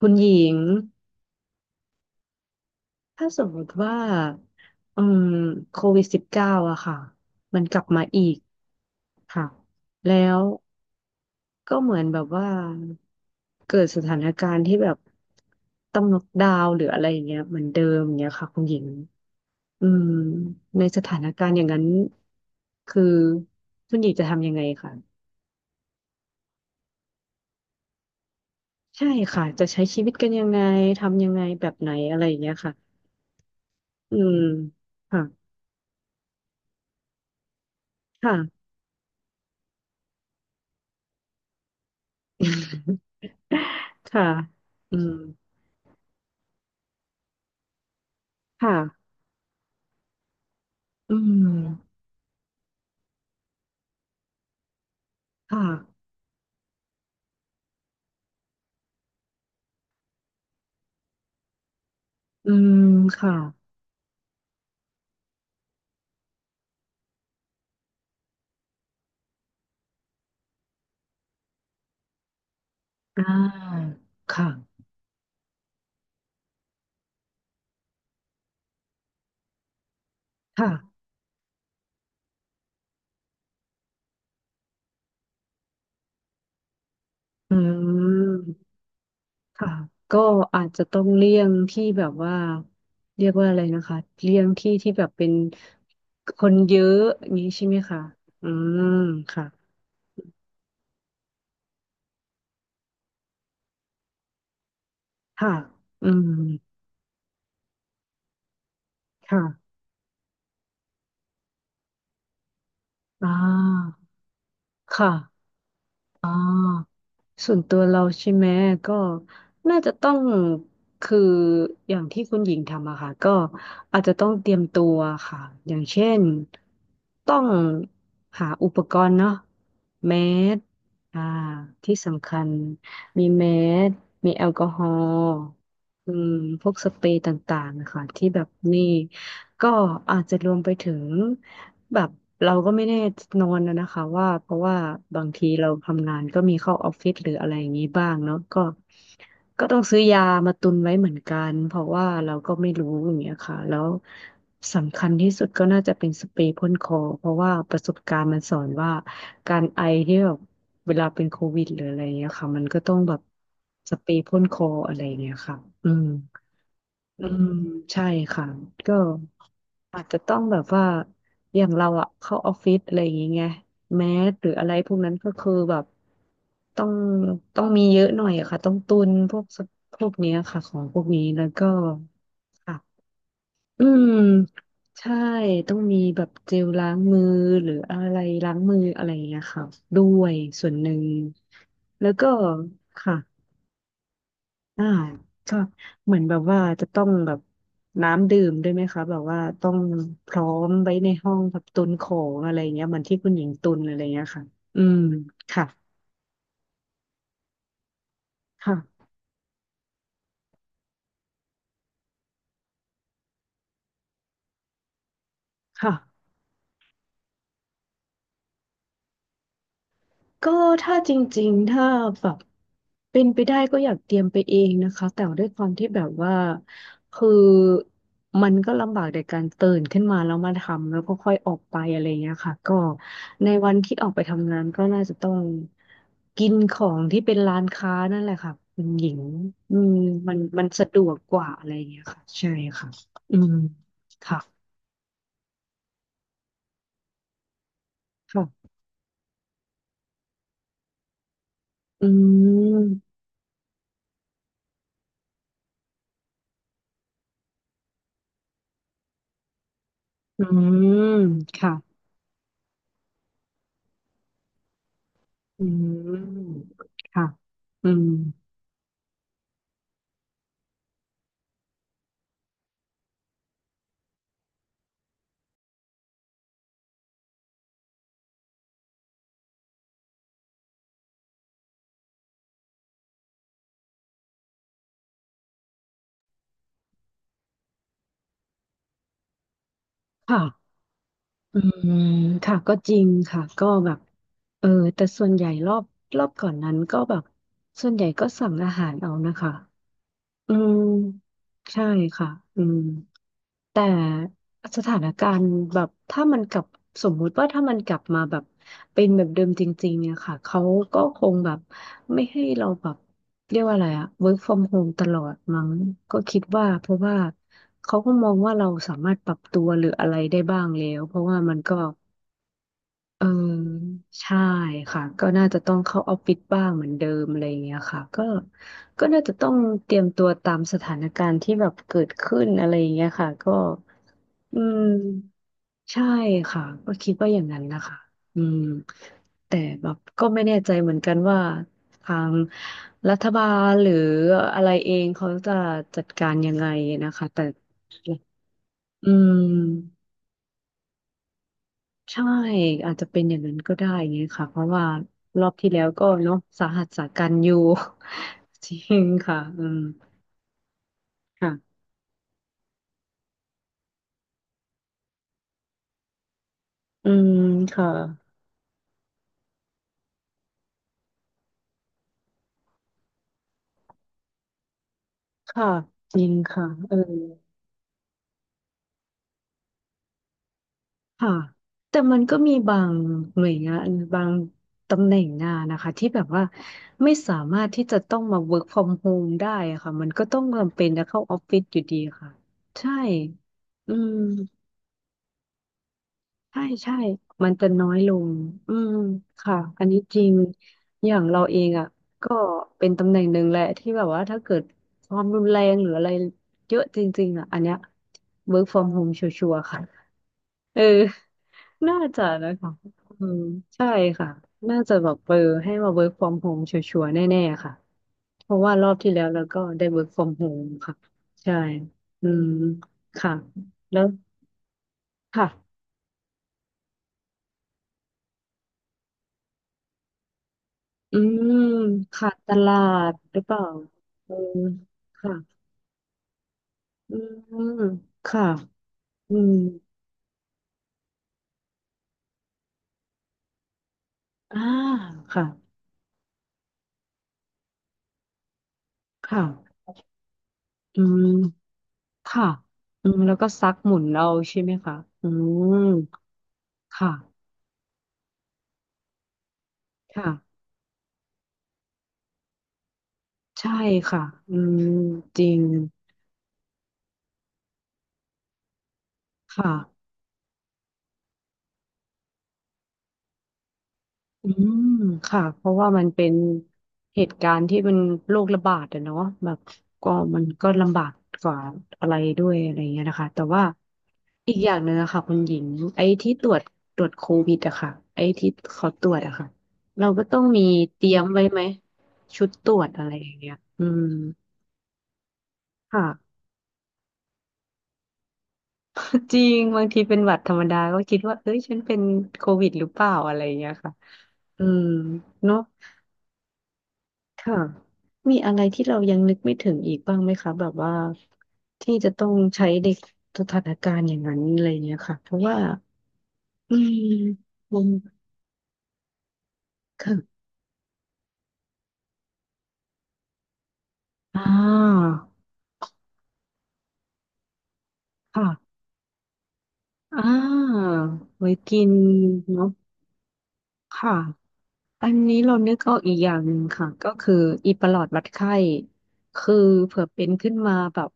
คุณหญิงถ้าสมมติว่าอืมCOVID-19อะค่ะมันกลับมาอีกค่ะแล้วก็เหมือนแบบว่าเกิดสถานการณ์ที่แบบต้องล็อกดาวน์หรืออะไรอย่างเงี้ยเหมือนเดิมอย่างเงี้ยค่ะคุณหญิงอืมในสถานการณ์อย่างนั้นคือคุณหญิงจะทำยังไงค่ะใช่ค่ะจะใช้ชีวิตกันยังไงทำยังไงแบบไหนอะไรอย่างเงี้ยค่ะอืมค่ะค่ะค่ะอืม ค่ะอืมค่ะอืมค่ะอ่าค่ะค่ะอืมค่ะก็อาจจะต้องเลี่ยงที่แบบว่าเรียกว่าอะไรนะคะเลี่ยงที่ที่แบบเป็นคนเยอะอย่างนี้ใช่ไหมคะอืมค่ะค่ะอืมค่ะอ่าค่ะอ่า ส่วนตัวเราใช่ไหมก็น่าจะต้องคืออย่างที่คุณหญิงทำอะค่ะก็อาจจะต้องเตรียมตัวค่ะอย่างเช่นต้องหาอุปกรณ์เนาะแมสอ่าที่สำคัญมีแมสมีแอลกอฮอล์อืมพวกสเปรย์ต่างๆนะคะที่แบบนี่ ก็อาจจะรวมไปถึงแบบเราก็ไม่แน่นอนนะคะว่าเพราะว่าบางทีเราทำงานก็มีเข้าออฟฟิศหรืออะไรอย่างนี้บ้างเนาะก็ก็ต้องซื้อยามาตุนไว้เหมือนกันเพราะว่าเราก็ไม่รู้อย่างเงี้ยค่ะแล้วสำคัญที่สุดก็น่าจะเป็นสเปรย์พ่นคอเพราะว่าประสบการณ์มันสอนว่าการไอที่แบบเวลาเป็นโควิดหรืออะไรอย่างเงี้ยค่ะมันก็ต้องแบบสเปรย์พ่นคออะไรอย่างเงี้ยค่ะอืมอืมใช่ค่ะก็ อาจจะต้องแบบว่าอย่างเราอะเข้าออฟฟิศอะไรอย่างเงี้ยแมสหรืออะไรพวกนั้นก็คือแบบต้องต้องมีเยอะหน่อยอะค่ะต้องตุนพวกสพวกเนี้ยค่ะของพวกนี้แล้วก็ค่ะอืมใช่ต้องมีแบบเจลล้างมือหรืออะไรล้างมืออะไรอย่างเงี้ยค่ะด้วยส่วนหนึ่งแล้วก็ค่ะ อ่าชอบเหมือนแบบว่าจะต้องแบบน้ำดื่มด้วยไหมคะแบบว่าต้องพร้อมไว้ในห้องแบบตุนของอะไรเงี้ยเหมือนที่คุณหญิงตุนอะไรเงี้ยค่ะอืมค่ะค่ะค่ะ ก็ถ้าจริงๆ ถ้าแบบเป็นไปได้ก็อยากเตรียมไปเองนะคะแต่ด้วยความที่แบบว่าคือมันก็ลำบากในการตื่นขึ้นมาแล้วมาทำแล้วก็ค่อยออกไปอะไรเงี้ยค่ะก็ในวันที่ออกไปทำงานก็น่าจะต้องกินของที่เป็นร้านค้านั่นแหละค่ะคุณหญิงอืมมันสะดวกกว่าอะไรเงี้ยค่ะใช่ค่ะอืมค่ะค่ะอืมอืมค่ะ อืมค่ะอืมค่ะอืมค่ะก็จริงค่ะก็แบบเออแต่ส่วนใหญ่รอบก่อนนั้นก็แบบส่วนใหญ่ก็สั่งอาหารเอานะคะอืมใช่ค่ะอืม แต่สถานการณ์แบบถ้ามันกลับสมมุติว่าถ้ามันกลับมาแบบเป็นแบบเดิมจริงๆเนี่ยค่ะเขาก็คงแบบไม่ให้เราแบบเรียกว่าอะไรอะ work from home ตลอดมั้งก็คิดว่าเพราะว่าเขาก็มองว่าเราสามารถปรับตัวหรืออะไรได้บ้างแล้วเพราะว่ามันก็เออใช่ค่ะก็น่าจะต้องเข้าออฟฟิศบ้างเหมือนเดิมอะไรอย่างเงี้ยค่ะก็น่าจะต้องเตรียมตัวตามสถานการณ์ที่แบบเกิดขึ้นอะไรอย่างเงี้ยค่ะก็ อืมใช่ค่ะก็คิดว่าอย่างนั้นนะคะอืมแต่แบบก็ไม่แน่ใจเหมือนกันว่าทางรัฐบาลหรืออะไรเองเขาจะจัดการยังไงนะคะแต่อืมใช่อาจจะเป็นอย่างนั้นก็ได้ไงค่ะเพราะว่ารอบที่แล้วก็เนาะสาหัสสากันอยู่ จริงค่ะอืมค่ะอืมค่ะค่ะจริงค่ะเออ ค่ะแต่มันก็มีบางหน่วยงานบางตำแหน่งงานนะคะที่แบบว่าไม่สามารถที่จะต้องมา work from home ได้อะค่ะมันก็ต้องจำเป็นจะเข้าออฟฟิศอยู่ดีค่ะใช่อืมใช่ มันจะน้อยลงอืมค่ะอันนี้จริงอย่างเราเองอ่ะก็เป็นตำแหน่งหนึ่งแหละที่แบบว่าถ้าเกิดความรุนแรงหรืออะไรเยอะจริงๆอ่ะอันเนี้ย work from home ชัวร์ๆค่ะ เออน่าจะนะคะอืมใช่ค่ะน่าจะแบบเออให้มา work from home ชัวร์ๆแน่ๆค่ะเพราะว่ารอบที่แล้วเราก็ได้ work from home ค่ะใช่อืมค่ะแล้วค่ะอืมขาดตลาดหรือเปล่าเออค่ะอืมค่ะอืมอ่าค่ะค่ะอืมค่ะอืมแล้วก็ซักหมุนเอาใช่ไหมคะอืมค่ะค่ะ ใช่ค่ะอืมจริงค่ะอืมค่ะ เพราะว่ามันเป็นเหตุการณ์ที่มันโรคระบาดอะเนาะแบบก็มันก็ลำบากกว่าอะไรด้วยอะไรเงี้ยนะคะแต่ว่าอีกอย่างหนึ่งอะค่ะคุณหญิงไอ้ที่ตรวจโควิดอะค่ะไอ้ที่เขาตรวจอะค่ะเราก็ต้องมีเตรียมไว้ไหมชุดตรวจอะไรอย่างเงี้ยอืมค่ะ จริงบางทีเป็นหวัดธรรมดาก็คิดว่าเอ้ยฉันเป็นโควิดหรือเปล่าอะไรอย่างเงี้ยค่ะอืมเนอะค่ะมีอะไรที่เรายังนึกไม่ถึงอีกบ้างไหมคะแบบว่าที่จะต้องใช้ในสถานการณ์อย่างนั้นอะไรเงี้ยค่ะเพราะว่าอืมมันค่ะอ่าค่ะอ่าไว้กินเนาะค่ะ อันนี้เรานึกออกอีกอย่างหนึ่งค่ะก็คืออีประหลอดวัดไข้คือเผื่อเป็นขึ้นมาแบบ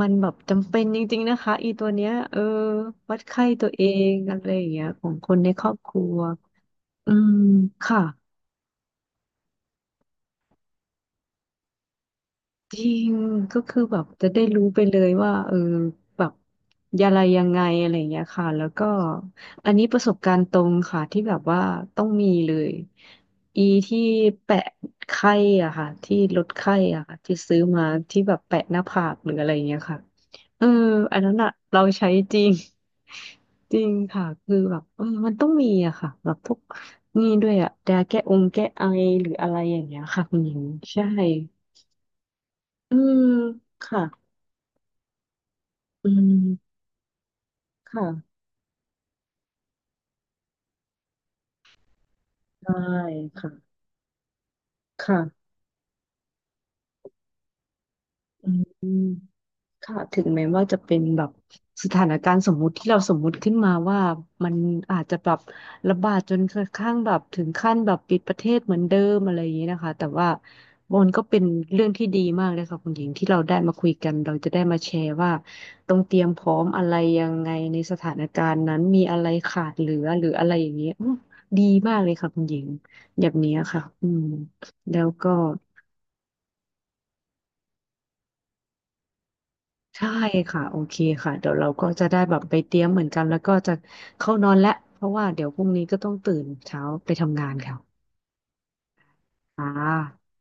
มันแบบจำเป็นจริงๆนะคะอีตัวเนี้ยเออวัดไข้ตัวเองอะไรอย่างเงี้ยของคนในครอบครัวอืมค่ะ จริงก็คือแบบจะได้รู้ไปเลยว่าเออแบบอะไรยังไงอะไรอย่างเงี้ยค่ะแล้วก็อันนี้ประสบการณ์ตรงค่ะที่แบบว่าต้องมีเลยอีที่แปะไข้อ่ะค่ะที่ลดไข้อ่ะค่ะที่ซื้อมาที่แบบแปะหน้าผากหรืออะไรอย่างเงี้ยค่ะเอออันนั้นอะเราใช้จริง จริงค่ะคือแบบเออมันต้องมีอะค่ะแบบพวกนี่ด้วยอะแดแก้องแก้ไอหรืออะไรอย่างเงี้ยค่ะคุณหญิงใช่ อืมค่ะอืมค่ะได้ค่ะค่ะอืม ค่ะถึงแม้ว่าจะเป็นแบบสถานการณ์สมมุติที่เราสมมุติขึ้นมาว่ามันอาจจะแบบระบาดจนกระทั่งแบบถึงขั้นแบบปิดประเทศเหมือนเดิมอะไรอย่างนี้นะคะแต่ว่ามันก็เป็นเรื่องที่ดีมากเลยค่ะคุณหญิงที่เราได้มาคุยกันเราจะได้มาแชร์ว่าต้องเตรียมพร้อมอะไรยังไงในสถานการณ์นั้นมีอะไรขาดเหลือหรืออะไรอย่างนี้ยอื้อดีมากเลยค่ะคุณหญิงแบบเนี้ยค่ะอืมแล้วก็ ใช่ค่ะโอเคค่ะเดี๋ยวเราก็จะได้แบบไปเตรียมเหมือนกันแล้วก็จะเข้านอนแล้วเพราะว่าเดี๋ยวพรุ่งนี้ก็ต้องตื่นเช้าไปทำงานค่ะอ่า